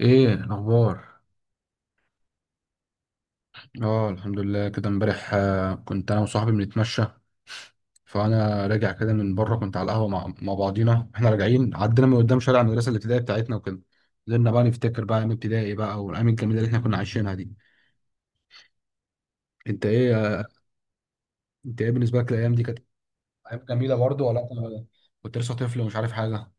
ايه الاخبار؟ اه، الحمد لله. كده امبارح كنت انا وصاحبي بنتمشى، فانا راجع كده من بره. كنت على القهوه مع بعضينا. احنا راجعين عدينا من قدام شارع المدرسه الابتدائيه بتاعتنا وكده، فضلنا بقى نفتكر بقى ايام ابتدائي بقى والايام الجميله اللي احنا كنا عايشينها دي. انت ايه؟ انت ايه بالنسبه لك الايام دي؟ كانت ايام جميله برضه ولا انت كنت لسه طفل ومش عارف حاجه؟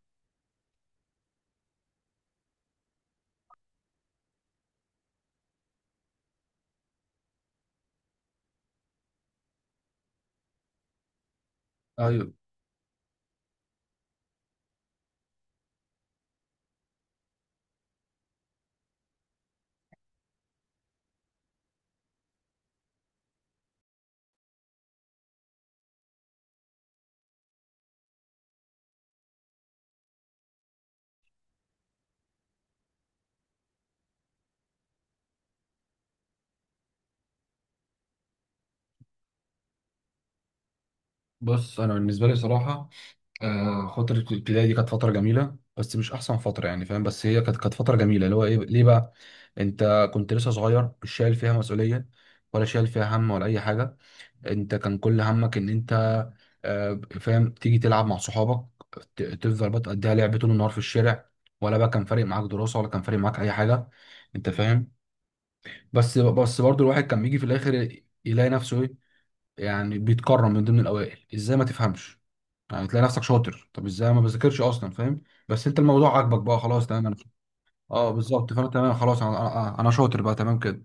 ايوه. بص انا بالنسبه لي صراحه، فترة الابتدائي دي كانت فترة جميلة بس مش أحسن فترة، يعني فاهم؟ بس هي كانت فترة جميلة. اللي هو إيه؟ ليه بقى؟ أنت كنت لسه صغير، مش شايل فيها مسؤولية ولا شايل فيها هم ولا أي حاجة. أنت كان كل همك إن أنت فاهم، تيجي تلعب مع صحابك، تفضل بقى تقضيها لعب طول النهار في الشارع، ولا بقى كان فارق معاك دراسة ولا كان فارق معاك أي حاجة، أنت فاهم؟ بس برضه الواحد كان بيجي في الآخر يلاقي نفسه إيه؟ يعني بيتكرم من ضمن الأوائل. إزاي؟ ما تفهمش يعني. تلاقي نفسك شاطر. طب ازاي ما بذاكرش اصلا؟ فاهم؟ بس انت الموضوع عاجبك بقى، خلاص، تمام. انا اه بالظبط، فانا تمام خلاص. انا شاطر بقى، تمام كده،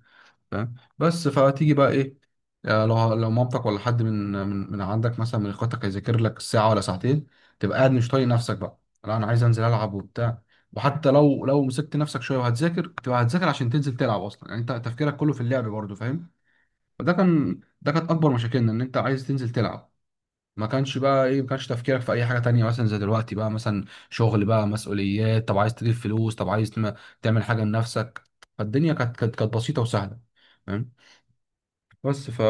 فاهم؟ بس فتيجي بقى ايه؟ لو مامتك ولا حد من عندك مثلا، من اخواتك، هيذاكر لك ساعه ولا ساعتين، تبقى قاعد مش طايق نفسك بقى. لا، انا عايز انزل العب وبتاع. وحتى لو مسكت نفسك شويه وهتذاكر، تبقى هتذاكر عشان تنزل تلعب اصلا. يعني انت تفكيرك كله في اللعب برضه، فاهم؟ فده كان، ده كانت اكبر مشاكلنا، ان انت عايز تنزل تلعب. ما كانش بقى ايه، ما كانش تفكيرك في اي حاجه تانية، مثلا زي دلوقتي بقى، مثلا شغل بقى، مسؤوليات، طب عايز تجيب فلوس، طب عايز تعمل حاجه لنفسك. فالدنيا كانت بسيطه وسهله، فاهم؟ بس ف وأن-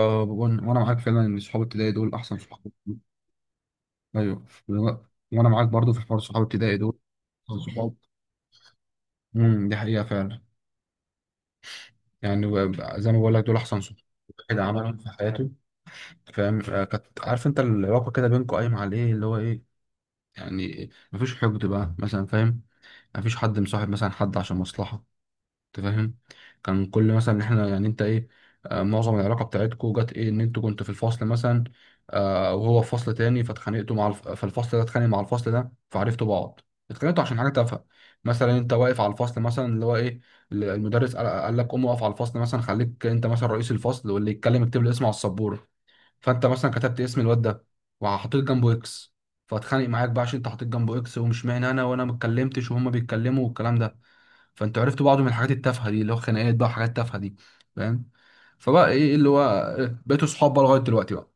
وانا معاك فعلا، ان صحاب ابتدائي دول احسن صحاب. ايوه و- وانا معاك برضو في حوار صحاب ابتدائي دول احسن صحاب. امم، دي حقيقه فعلا. يعني و- زي ما بقول لك، دول احسن صحاب الواحد عملهم في حياته، فاهم؟ كانت، عارف انت، العلاقه كده بينكم قايمه على ايه؟ اللي هو ايه يعني؟ مفيش حقد بقى مثلا، فاهم؟ مفيش حد مصاحب مثلا حد عشان مصلحة، انت فاهم؟ كان كل مثلا احنا، يعني انت ايه، معظم العلاقة بتاعتكو جت ايه، ان انتوا كنتوا في الفصل مثلا، وهو في فصل تاني، فاتخانقتوا مع فالفصل ده اتخانق مع الفصل ده فعرفتوا بعض. اتخانقتوا عشان حاجة تافهة. مثلا انت واقف على الفصل مثلا، اللي هو ايه، المدرس قال لك قوم واقف على الفصل مثلا، خليك انت مثلا رئيس الفصل، واللي يتكلم اكتب له اسمه على السبورة. فانت مثلا كتبت اسم الواد ده وحطيت جنبه اكس، فاتخانق معاك بقى عشان انت حطيت جنبه اكس، ومش معنى انا، وانا ما اتكلمتش وهما بيتكلموا والكلام ده. فانت عرفت بعض من الحاجات التافهه دي، اللي هو خناقات بقى وحاجات تافهه دي، فاهم؟ فبقى ايه اللي هو إيه، بقيتوا صحاب بقى لغايه دلوقتي بقى.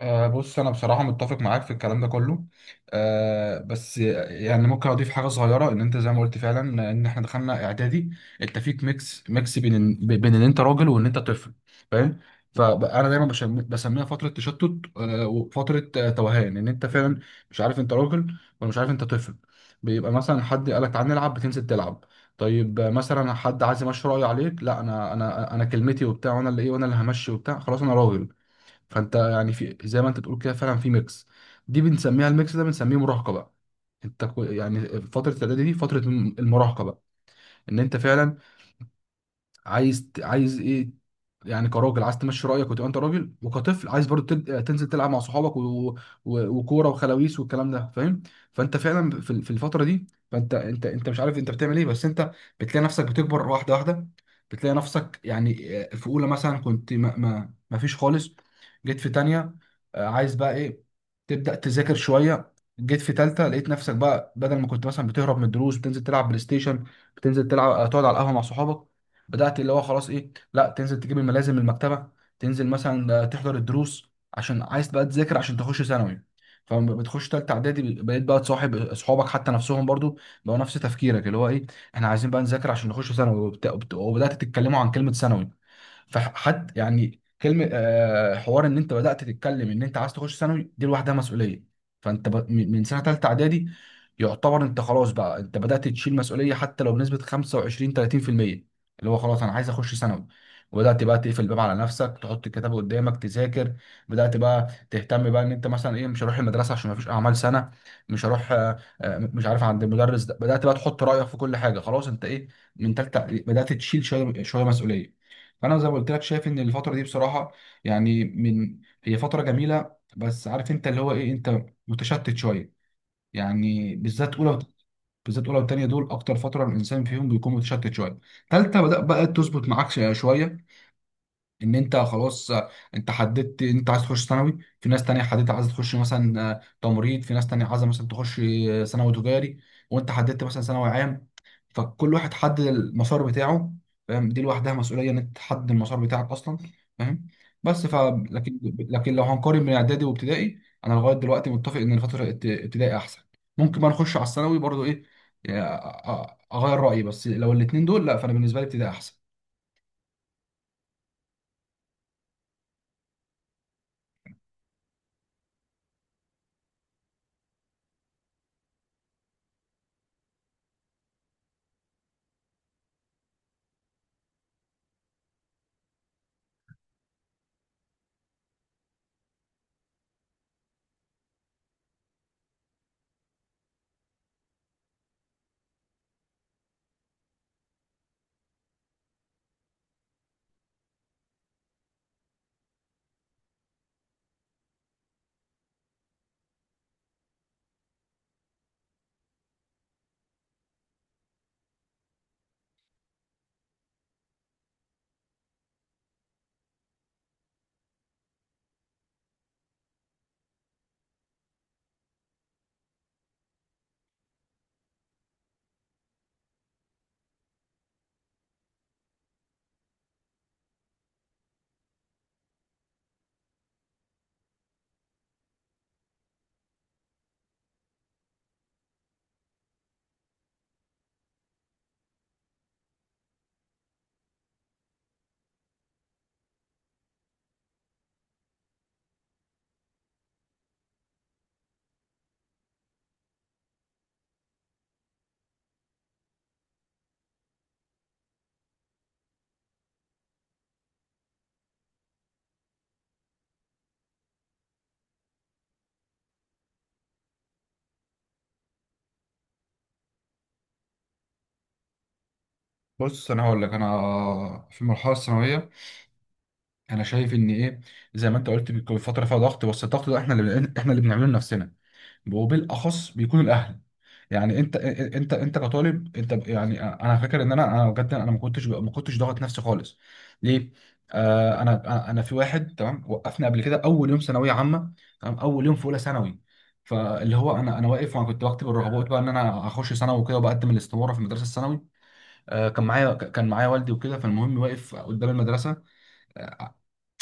أه بص، انا بصراحه متفق معاك في الكلام ده كله. أه بس يعني ممكن اضيف حاجه صغيره، ان انت زي ما قلت فعلا، ان احنا دخلنا اعدادي، انت فيك ميكس بين بين ان انت راجل وان انت طفل، فاهم؟ فانا دايما بسميها فتره تشتت، أه، وفتره توهان، ان انت فعلا مش عارف انت راجل ولا مش عارف انت طفل. بيبقى مثلا حد قالك تعال نلعب، بتنزل تلعب. طيب مثلا حد عايز يمشي رايه عليك، لا، انا كلمتي وبتاع، وانا اللي ايه، وانا اللي همشي وبتاع، خلاص انا راجل. فانت يعني، في زي ما انت بتقول كده فعلا، في ميكس. دي بنسميها، الميكس ده بنسميه مراهقه بقى. انت يعني فتره الاعدادي دي فتره المراهقه بقى، ان انت فعلا عايز ايه؟ يعني كراجل عايز تمشي رايك وتبقى انت راجل، وكطفل عايز برضه تنزل تلعب مع صحابك و... و... وكوره وخلاويص والكلام ده، فاهم؟ فانت فعلا في في الفتره دي، فانت انت مش عارف انت بتعمل ايه، بس انت بتلاقي نفسك بتكبر واحده واحده. بتلاقي نفسك يعني في اولى مثلا كنت ما فيش خالص. جيت في تانية، عايز بقى ايه، تبدا تذاكر شويه. جيت في تالتة، لقيت نفسك بقى بدل ما كنت مثلا بتهرب من الدروس بتنزل تلعب بلاي ستيشن، بتنزل تلعب، تقعد على القهوه مع صحابك، بدات اللي هو خلاص ايه، لا تنزل تجيب الملازم من المكتبه، تنزل مثلا تحضر الدروس عشان عايز بقى تذاكر عشان تخش ثانوي. فلما بتخش تالتة اعدادي، بقيت بقى تصاحب اصحابك حتى، نفسهم برضو بقوا نفس تفكيرك، اللي هو ايه، احنا عايزين بقى نذاكر عشان نخش ثانوي. وبدات تتكلموا عن كلمه ثانوي. فحد يعني كلمه، حوار ان انت بدات تتكلم ان انت عايز تخش ثانوي، دي لوحدها مسؤوليه. فانت ب... من من سنه ثالثه اعدادي، يعتبر انت خلاص بقى، انت بدات تشيل مسؤوليه، حتى لو بنسبه 25 30%، اللي هو خلاص انا عايز اخش ثانوي. وبدات بقى تقفل الباب على نفسك، تحط الكتاب قدامك تذاكر. بدات بقى تهتم بقى ان انت مثلا ايه، مش هروح المدرسه عشان ما فيش اعمال سنه، مش هروح مش عارف عند المدرس ده. بدات بقى تحط رايك في كل حاجه، خلاص انت ايه، من ثالثه، بدات تشيل شويه شويه مسؤوليه. فانا زي ما قلت لك، شايف ان الفتره دي بصراحه، يعني من هي فتره جميله، بس عارف انت اللي هو ايه، انت متشتت شويه، يعني بالذات اولى بالذات اولى والتانيه، دول اكتر فتره الانسان فيهم بيكون متشتت شويه. تالته بدا بقى تظبط معاك شويه، ان انت خلاص انت حددت انت عايز تخش ثانوي، في ناس تانية حددت عايزه تخش مثلا تمريض، في ناس تانية عايزه مثلا تخش ثانوي تجاري، وانت حددت مثلا ثانوي عام. فكل واحد حدد المسار بتاعه، فاهم؟ دي لوحدها مسؤوليه، ان انت تحدد المسار بتاعك اصلا، فاهم؟ بس ف لكن لو هنقارن بين اعدادي وابتدائي، انا لغايه دلوقتي متفق ان فتره ابتدائي احسن. ممكن بقى نخش على الثانوي برضو ايه يعني، اغير رايي، بس لو الاثنين دول، لا، فانا بالنسبه لي ابتدائي احسن. بص انا هقول لك، انا في المرحله الثانويه انا شايف ان ايه، زي ما انت قلت، بيكون فتره فيها ضغط، بس الضغط ده احنا اللي، احنا اللي بنعمله لنفسنا، وبالاخص بيكونوا الاهل. يعني انت كطالب انت يعني انا فاكر ان انا بجد، انا ما كنتش ضاغط نفسي خالص، ليه؟ آه، انا في واحد تمام، وقفني قبل كده اول يوم ثانويه عامه، تمام، اول يوم في اولى ثانوي. فاللي هو انا واقف، وانا كنت بكتب الرغبات بقى ان انا هخش ثانوي وكده، وبقدم الاستماره في المدرسه الثانوي. آه، كان معايا كان معايا والدي وكده. فالمهم واقف قدام المدرسه،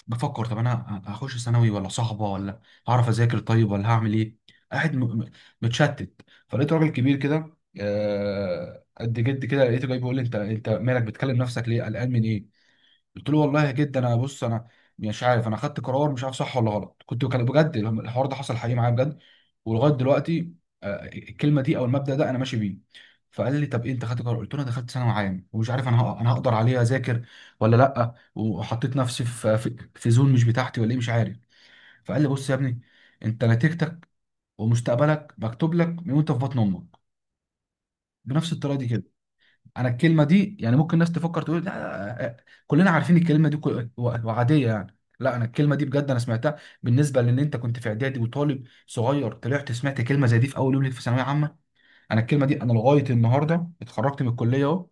بفكر طب انا هخش ثانوي ولا صحبه، ولا هعرف اذاكر طيب، ولا هعمل ايه. قاعد متشتت. فلقيت راجل كبير كده، قد جد كده، لقيته جاي بيقول لي، انت انت مالك بتكلم نفسك ليه، قلقان من ايه؟ قلت له والله جدا، انا، بص انا مش عارف، انا خدت قرار مش عارف صح ولا غلط. كنت، كان بجد الحوار ده حصل حقيقي معايا بجد، ولغايه دلوقتي الكلمه دي او المبدا ده انا ماشي بيه. فقال لي طب ايه انت خدت قرار؟ قلت له انا دخلت ثانوي عام ومش عارف انا انا هقدر عليها اذاكر ولا لا، وحطيت نفسي في في زون مش بتاعتي ولا ايه، مش عارف. فقال لي بص يا ابني، انت نتيجتك ومستقبلك مكتوب لك من وانت في بطن امك، بنفس الطريقه دي كده. انا الكلمه دي، يعني ممكن الناس تفكر تقول لا، آه، آه، كلنا عارفين الكلمه دي وعاديه يعني، لا، انا الكلمه دي بجد انا سمعتها بالنسبه لان انت كنت في اعدادي وطالب صغير، طلعت سمعت كلمه زي دي في اول يوم ليك في ثانويه عامه. انا الكلمه دي انا لغايه النهارده، اتخرجت من الكليه اهو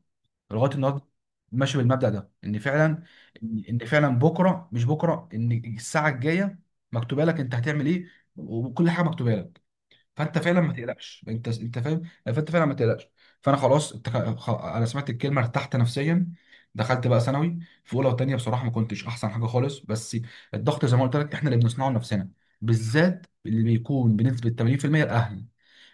لغايه النهارده ماشي بالمبدا ده، ان فعلا ان فعلا بكره، مش بكره، ان الساعه الجايه مكتوبه لك انت هتعمل ايه، وكل حاجه مكتوبه لك. فانت فعلا ما تقلقش، انت فاهم، فانت فعلا ما تقلقش. فانا خلاص، انت، انا سمعت الكلمه، ارتحت نفسيا، دخلت بقى ثانوي. في اولى وثانيه بصراحه ما كنتش احسن حاجه خالص، بس الضغط زي ما قلت لك احنا اللي بنصنعه لنفسنا، بالذات اللي بيكون بنسبه 80% الاهل.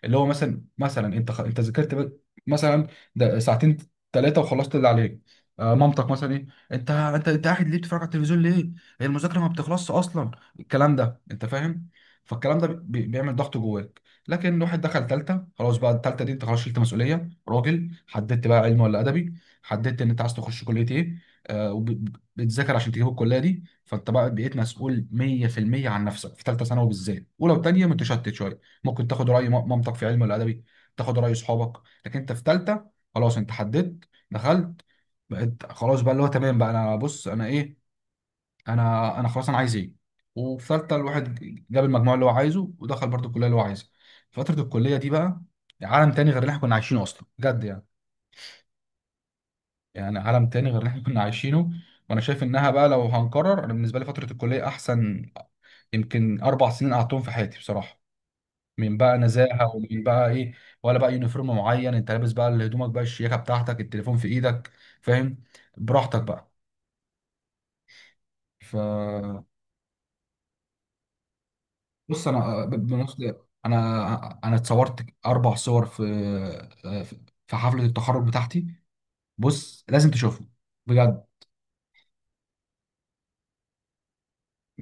اللي هو مثلا، انت انت ذاكرت مثلا ده ساعتين ثلاثه، وخلصت اللي عليك، مامتك مثلا ايه، انت قاعد ليه بتتفرج على التلفزيون ليه، هي المذاكره ما بتخلصش اصلا؟ الكلام ده، انت فاهم؟ فالكلام ده بيعمل ضغط جواك. لكن واحد دخل تالتة، خلاص بقى، التالتة دي انت خلاص شلت مسؤولية راجل، حددت بقى علم ولا أدبي، حددت ان انت عايز تخش كلية ايه، آه، وبتذاكر عشان تجيب الكلية دي. فانت بقى بقيت مسؤول 100% عن نفسك في تالتة ثانوي. بالذات أولى وتانية متشتت شوية، ممكن تاخد رأي مامتك في علم ولا أدبي، تاخد رأي صحابك، لكن انت في تالتة خلاص انت حددت، دخلت، بقيت خلاص بقى اللي هو تمام بقى. انا بص انا ايه، انا خلاص انا عايز ايه. وفي ثالثه الواحد جاب المجموع اللي هو عايزه، ودخل برضه الكليه اللي هو عايزها. فتره الكليه دي بقى عالم تاني غير اللي احنا كنا عايشينه اصلا، بجد يعني، يعني عالم تاني غير اللي احنا كنا عايشينه. وانا شايف انها بقى، لو هنكرر، انا بالنسبه لي فتره الكليه احسن يمكن 4 سنين قعدتهم في حياتي، بصراحه، من بقى نزاهه، ومن بقى ايه، ولا بقى يونيفورم معين انت لابس بقى، اللي هدومك بقى، الشياكه بتاعتك، التليفون في ايدك، فاهم؟ براحتك بقى. ف بص انا بالمناسبه انا اتصورت 4 صور في في في حفله التخرج بتاعتي. بص لازم تشوفهم بجد.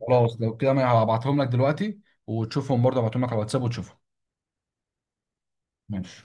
خلاص لو كده ما هبعتهم لك دلوقتي، وتشوفهم برضه، هبعتهم لك على الواتساب وتشوفهم. ماشي.